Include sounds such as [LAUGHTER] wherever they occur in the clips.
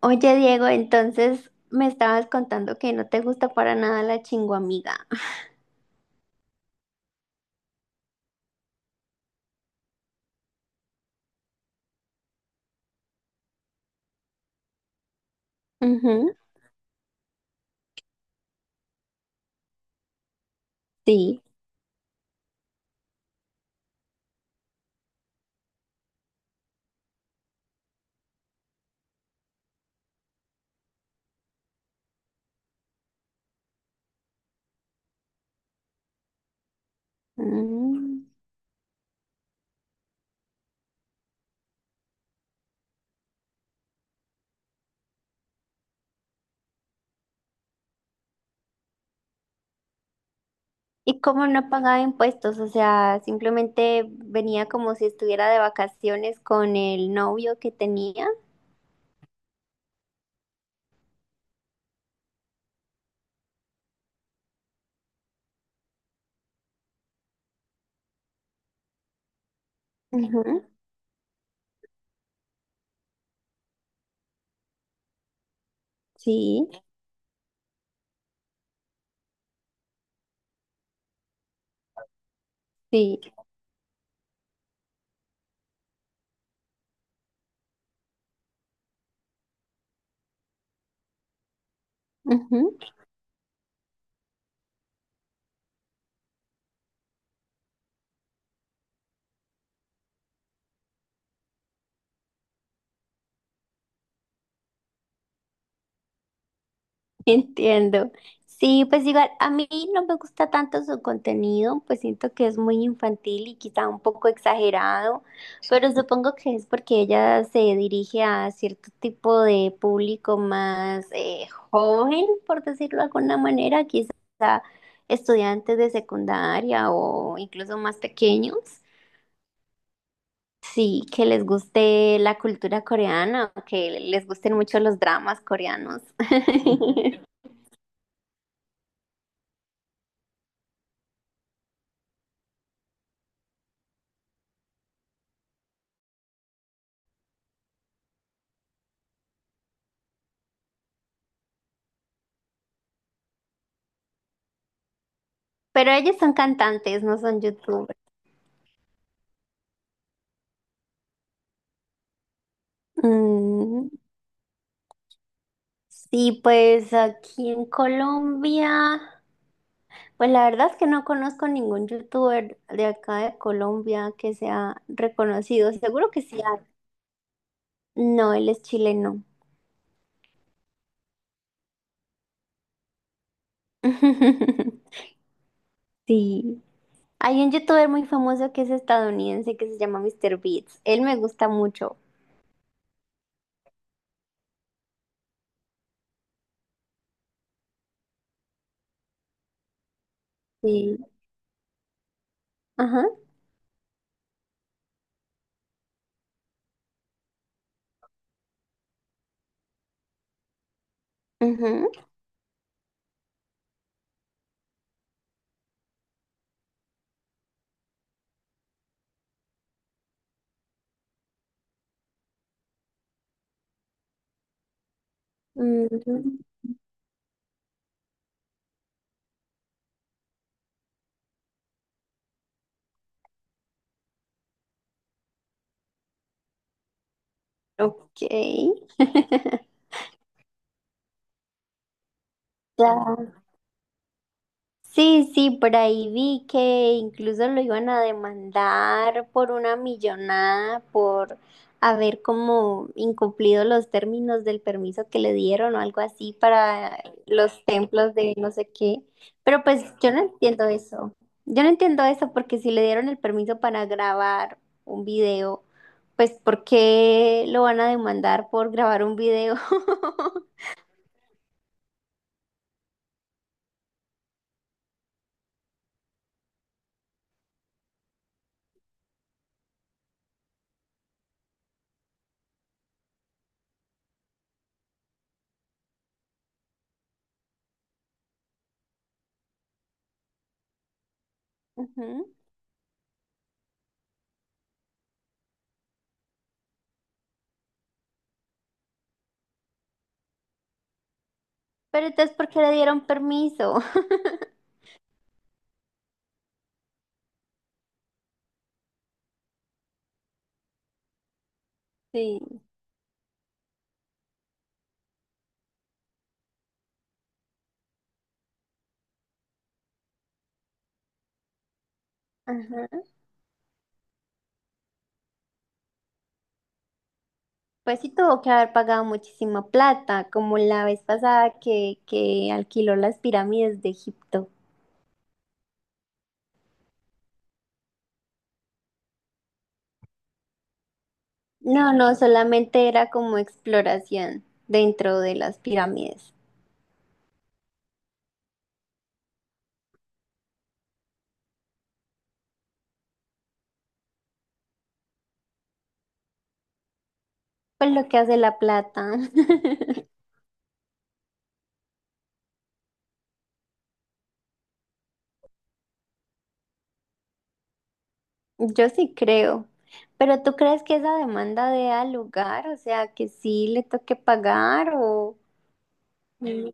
Oye, Diego, entonces me estabas contando que no te gusta para nada la chinguamiga. Ujú, sí. Mm. Y como no pagaba impuestos, o sea, simplemente venía como si estuviera de vacaciones con el novio que tenía. Ujú, sí, sí. Entiendo. Sí, pues igual a mí no me gusta tanto su contenido, pues siento que es muy infantil y quizá un poco exagerado, pero supongo que es porque ella se dirige a cierto tipo de público más joven, por decirlo de alguna manera, quizá estudiantes de secundaria o incluso más pequeños. Sí, que les guste la cultura coreana, o que les gusten mucho los dramas coreanos. [LAUGHS] Pero ellos son cantantes, no son youtubers. Mm, sí, pues aquí en Colombia, pues la verdad es que no conozco ningún youtuber de acá de Colombia que sea reconocido. Seguro que sí hay. No, él es chileno. [LAUGHS] Sí. Hay un youtuber muy famoso que es estadounidense que se llama Mr. Beats. Él me gusta mucho. Sí. Ajá. Ujú. Mm, ok. [LAUGHS] Ya. Sí, sí, por ahí vi que incluso lo iban a demandar por una millonada por haber como incumplido los términos del permiso que le dieron o algo así para los templos de no sé qué. Pero pues yo no entiendo eso. Yo no entiendo eso porque si le dieron el permiso para grabar un video, pues ¿por qué lo van a demandar por grabar un video? [LAUGHS] Ujú. Pero entonces, ¿por qué le dieron permiso? [LAUGHS] Sí. Ajá. Pues sí tuvo que haber pagado muchísima plata, como la vez pasada que alquiló las pirámides de Egipto. No, no, solamente era como exploración dentro de las pirámides. Pues lo que hace la plata. [LAUGHS] Yo sí creo. Pero ¿tú crees que esa demanda dé al lugar? O sea, que sí le toque pagar o... Mm.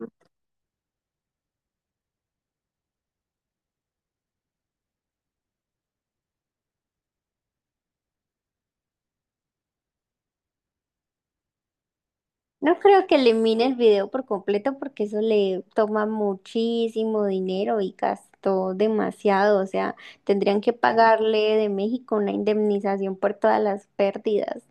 No creo que elimine el video por completo porque eso le toma muchísimo dinero y gastó demasiado. O sea, tendrían que pagarle de México una indemnización por todas las pérdidas.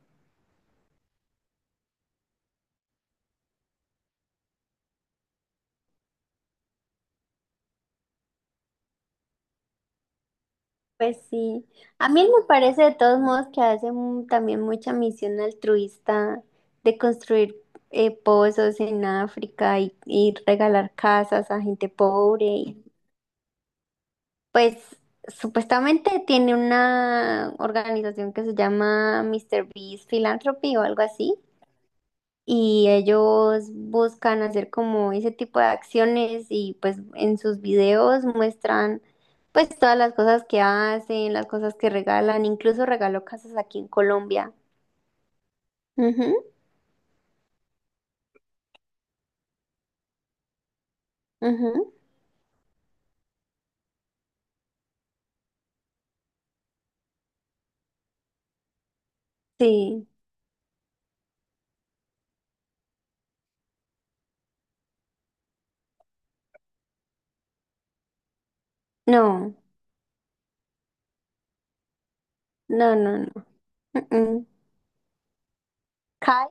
Pues sí. A mí me parece de todos modos que hace mu- también mucha misión altruista de construir pozos en África y regalar casas a gente pobre y pues supuestamente tiene una organización que se llama Mister Beast Philanthropy o algo así. Y ellos buscan hacer como ese tipo de acciones y pues en sus videos muestran pues todas las cosas que hacen, las cosas que regalan, incluso regaló casas aquí en Colombia. Ujú, ujú. Sí, no, no, no, no. Mm, mm. Kai,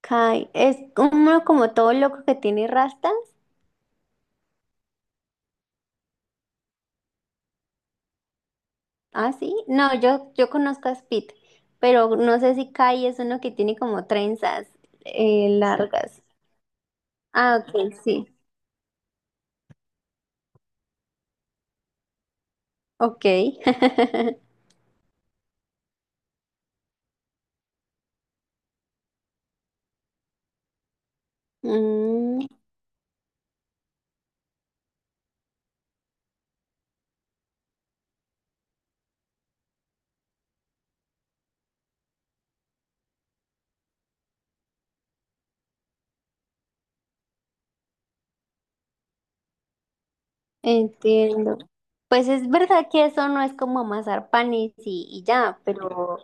Kai es uno como todo loco que tiene rasta. Ah, sí. No, yo conozco a Speed, pero no sé si Kai es uno que tiene como trenzas sí, largas. Ah, ok, sí. Ok. [LAUGHS] Mm, entiendo. Pues es verdad que eso no es como amasar panes y ya,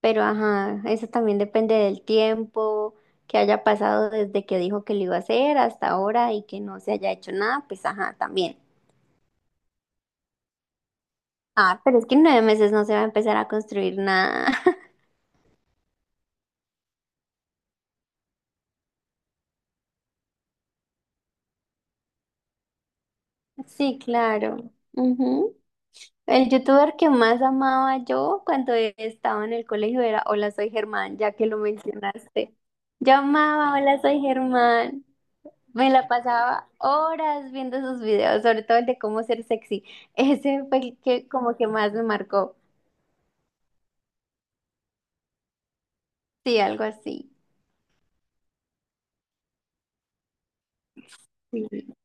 pero ajá, eso también depende del tiempo que haya pasado desde que dijo que lo iba a hacer hasta ahora y que no se haya hecho nada, pues ajá, también. Ah, pero es que en 9 meses no se va a empezar a construir nada. Sí, claro. Ujú. El youtuber que más amaba yo cuando estaba en el colegio era Hola, soy Germán, ya que lo mencionaste. Yo amaba Hola, soy Germán. Me la pasaba horas viendo sus videos, sobre todo el de cómo ser sexy. [LAUGHS] Ese fue el que como que más me marcó. Sí, algo así. Sí.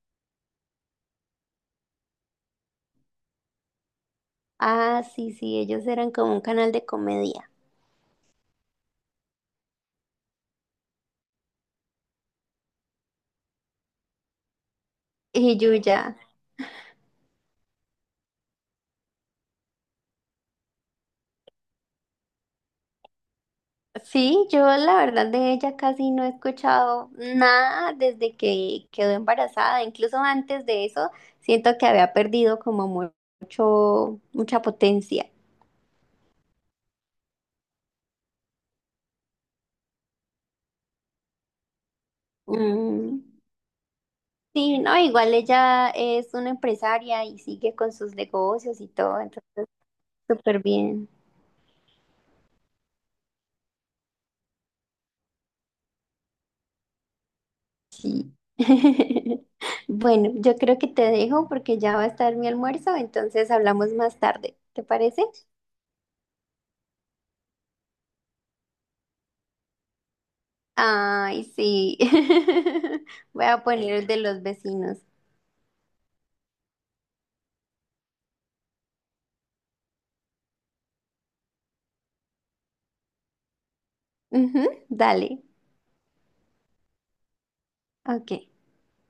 Ah, sí, sí, ellos eran como un canal de comedia. Y Yuya. Sí, yo la verdad de ella casi no he escuchado nada desde que quedó embarazada. Incluso antes de eso, siento que había perdido como mu- mucha potencia. Mm, sí, no, igual ella es una empresaria y sigue con sus negocios y todo, entonces súper bien. Sí. [LAUGHS] Bueno, yo creo que te dejo porque ya va a estar mi almuerzo, entonces hablamos más tarde. ¿Te parece? Ay, sí. [LAUGHS] Voy a poner el de los vecinos. Ujú, dale. Ok.